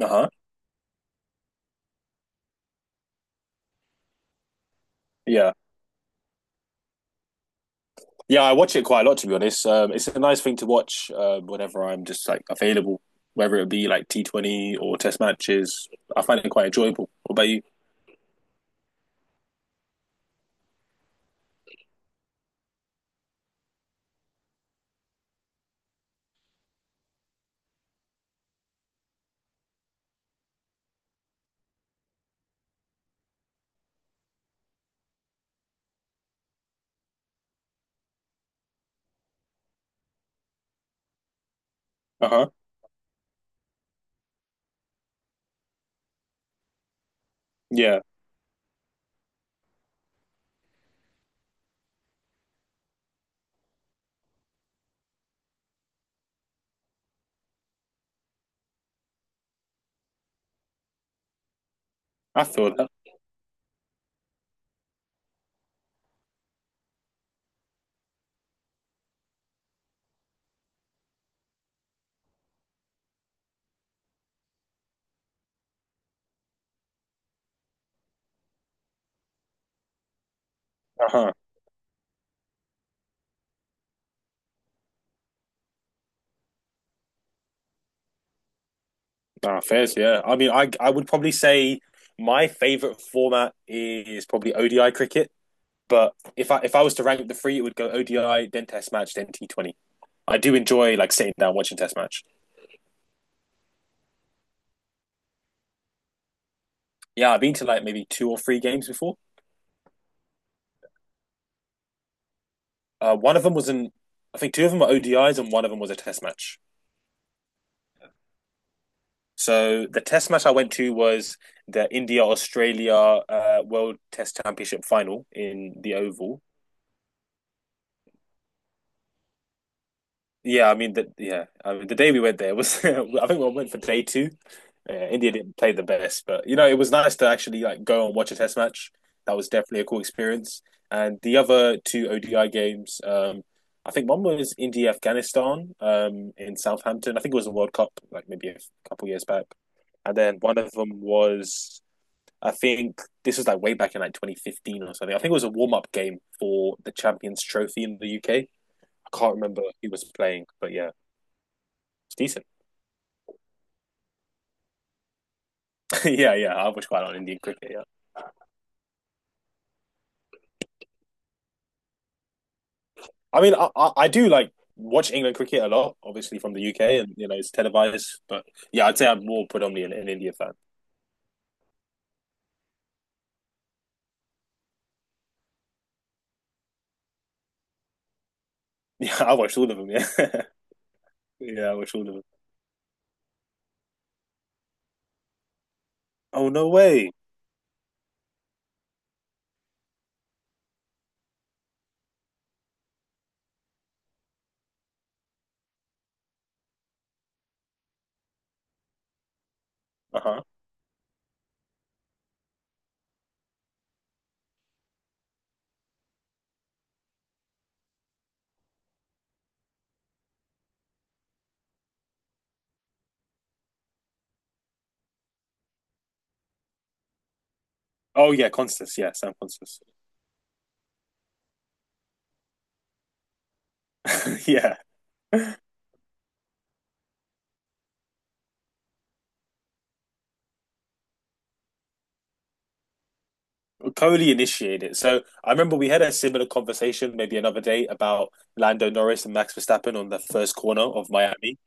Uh-huh. Yeah. Yeah, I watch it quite a lot to be honest. It's a nice thing to watch whenever I'm just like available, whether it be like T20 or test matches. I find it quite enjoyable. What about you? Uh-huh. Yeah, I feel that. Uh-huh. Nah, fairs, yeah. I mean, I would probably say my favorite format is probably ODI cricket, but if I was to rank the three, it would go ODI, then test match, then T20. I do enjoy like sitting down watching test match. Yeah, I've been to like maybe two or three games before. One of them was in, I think two of them were ODIs and one of them was a test match. So the test match I went to was the India Australia World Test Championship final in the Oval. Yeah, I mean the day we went there was I think we went for day two. India didn't play the best, but you know it was nice to actually like go and watch a test match. That was definitely a cool experience. And the other two ODI games, I think one was India Afghanistan in Southampton. I think it was a World Cup, like maybe a couple years back. And then one of them was, I think this was like way back in like 2015 or something. I think it was a warm up game for the Champions Trophy in the UK. I can't remember who was playing, but yeah. It's decent. yeah, yeah. I watch quite a lot of Indian cricket. Yeah, I mean, I do like watch England cricket a lot, obviously from the UK, and you know it's televised. But yeah, I'd say I'm more predominantly an India fan. Yeah, I watched all of them. Yeah, yeah, I watched all of them. Oh no way. Uh huh. Oh yeah, Constance. Yeah, Sam Constance. yeah, Coley initiated it. So I remember we had a similar conversation maybe another day about Lando Norris and Max Verstappen on the first corner of Miami.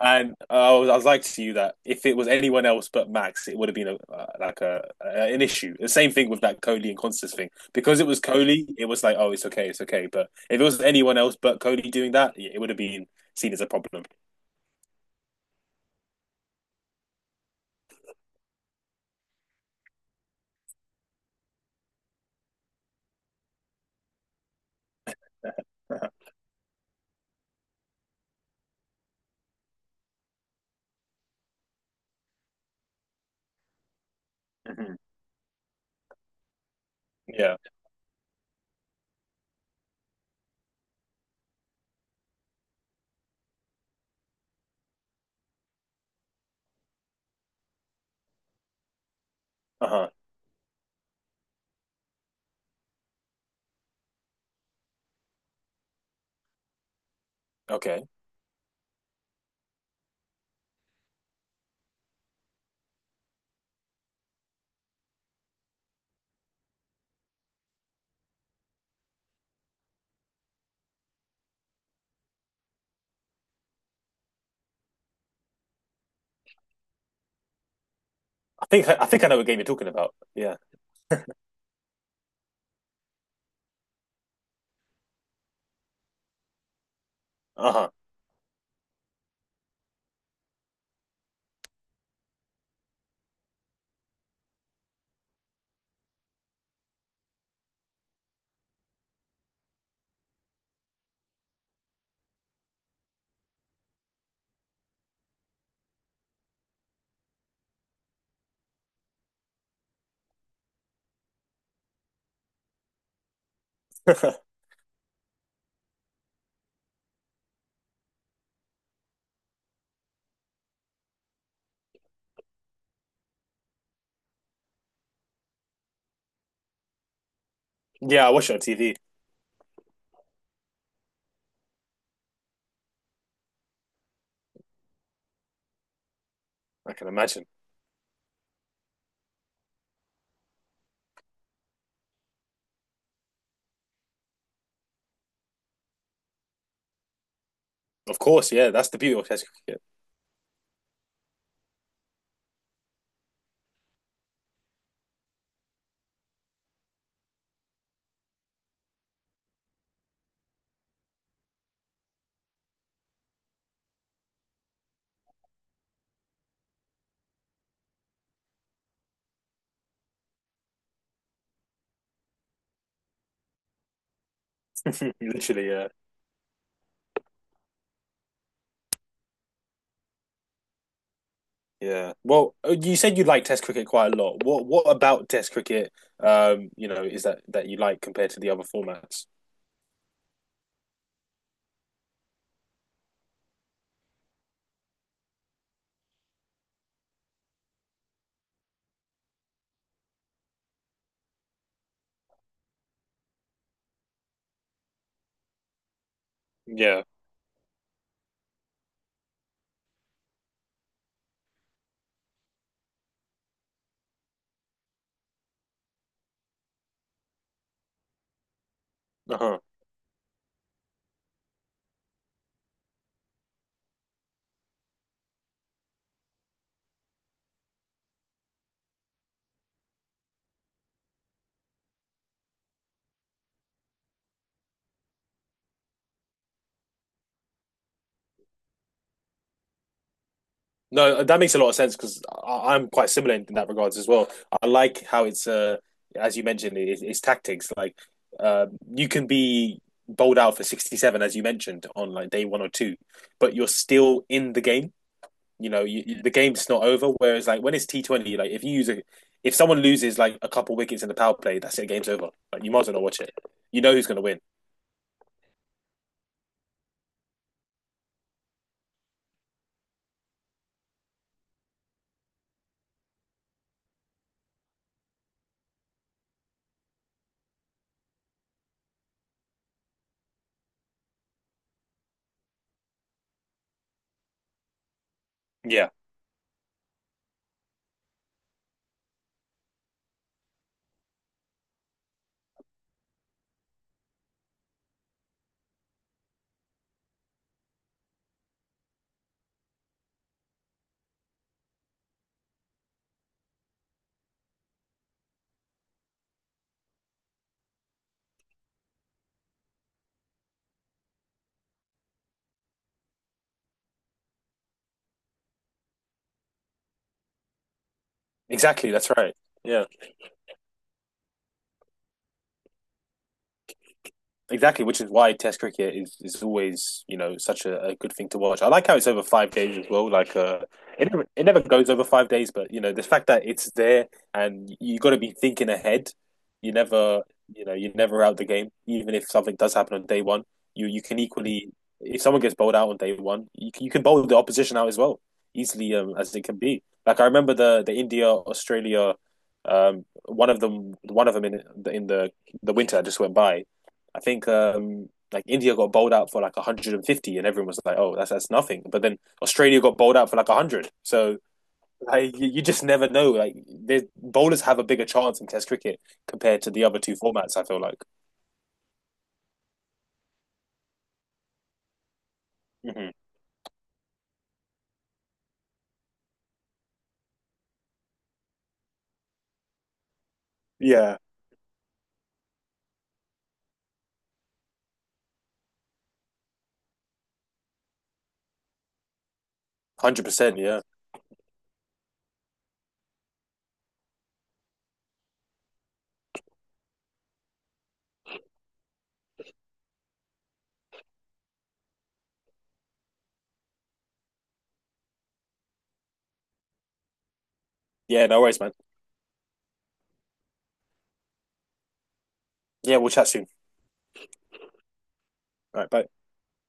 And I was like to you that if it was anyone else but Max, it would have been a, like a an issue. The same thing with that Coley and Constance thing. Because it was Coley, it was like, oh, it's okay, it's okay. But if it was anyone else but Coley doing that, yeah, it would have been seen as a problem. Mm-hmm. Yeah. Uh huh. Okay. I think I know what game you're talking about. Yeah. Uh huh. yeah. I watch it on TV. I can imagine. Of course, yeah, that's the beauty of Test cricket. Literally, yeah, yeah. Well, you said you like Test cricket quite a lot. What about Test cricket? You know, is that that you like compared to the other formats? Yeah. Uh-huh. No, that makes a lot of sense because I'm quite similar in that regards as well. I like how it's as you mentioned, it's tactics. Like, uh, you can be bowled out for 67 as you mentioned on like day one or two, but you're still in the game. You know, the game's not over. Whereas, like when it's T 20, like if someone loses like a couple wickets in the power play, that's it. The game's over. Like you might as well not watch it. You know who's going to win. Yeah. Exactly. That's right. Yeah. Exactly, which is why Test cricket is always, you know, such a good thing to watch. I like how it's over 5 days as well. Like, it never goes over 5 days, but you know, the fact that it's there and you got to be thinking ahead. You never, you know, you're never out the game. Even if something does happen on day one, you can equally, if someone gets bowled out on day one, you can bowl the opposition out as well easily as it can be. Like I remember the India Australia, one of them in the winter that just went by. I think like India got bowled out for like 150, and everyone was like, "Oh, that's nothing." But then Australia got bowled out for like 100. So like, you just never know. Like bowlers have a bigger chance in Test cricket compared to the other two formats. I feel like. Hmm. Yeah, 100%. Yeah, yeah. No worries, man. Yeah, we'll chat soon. All right, bye.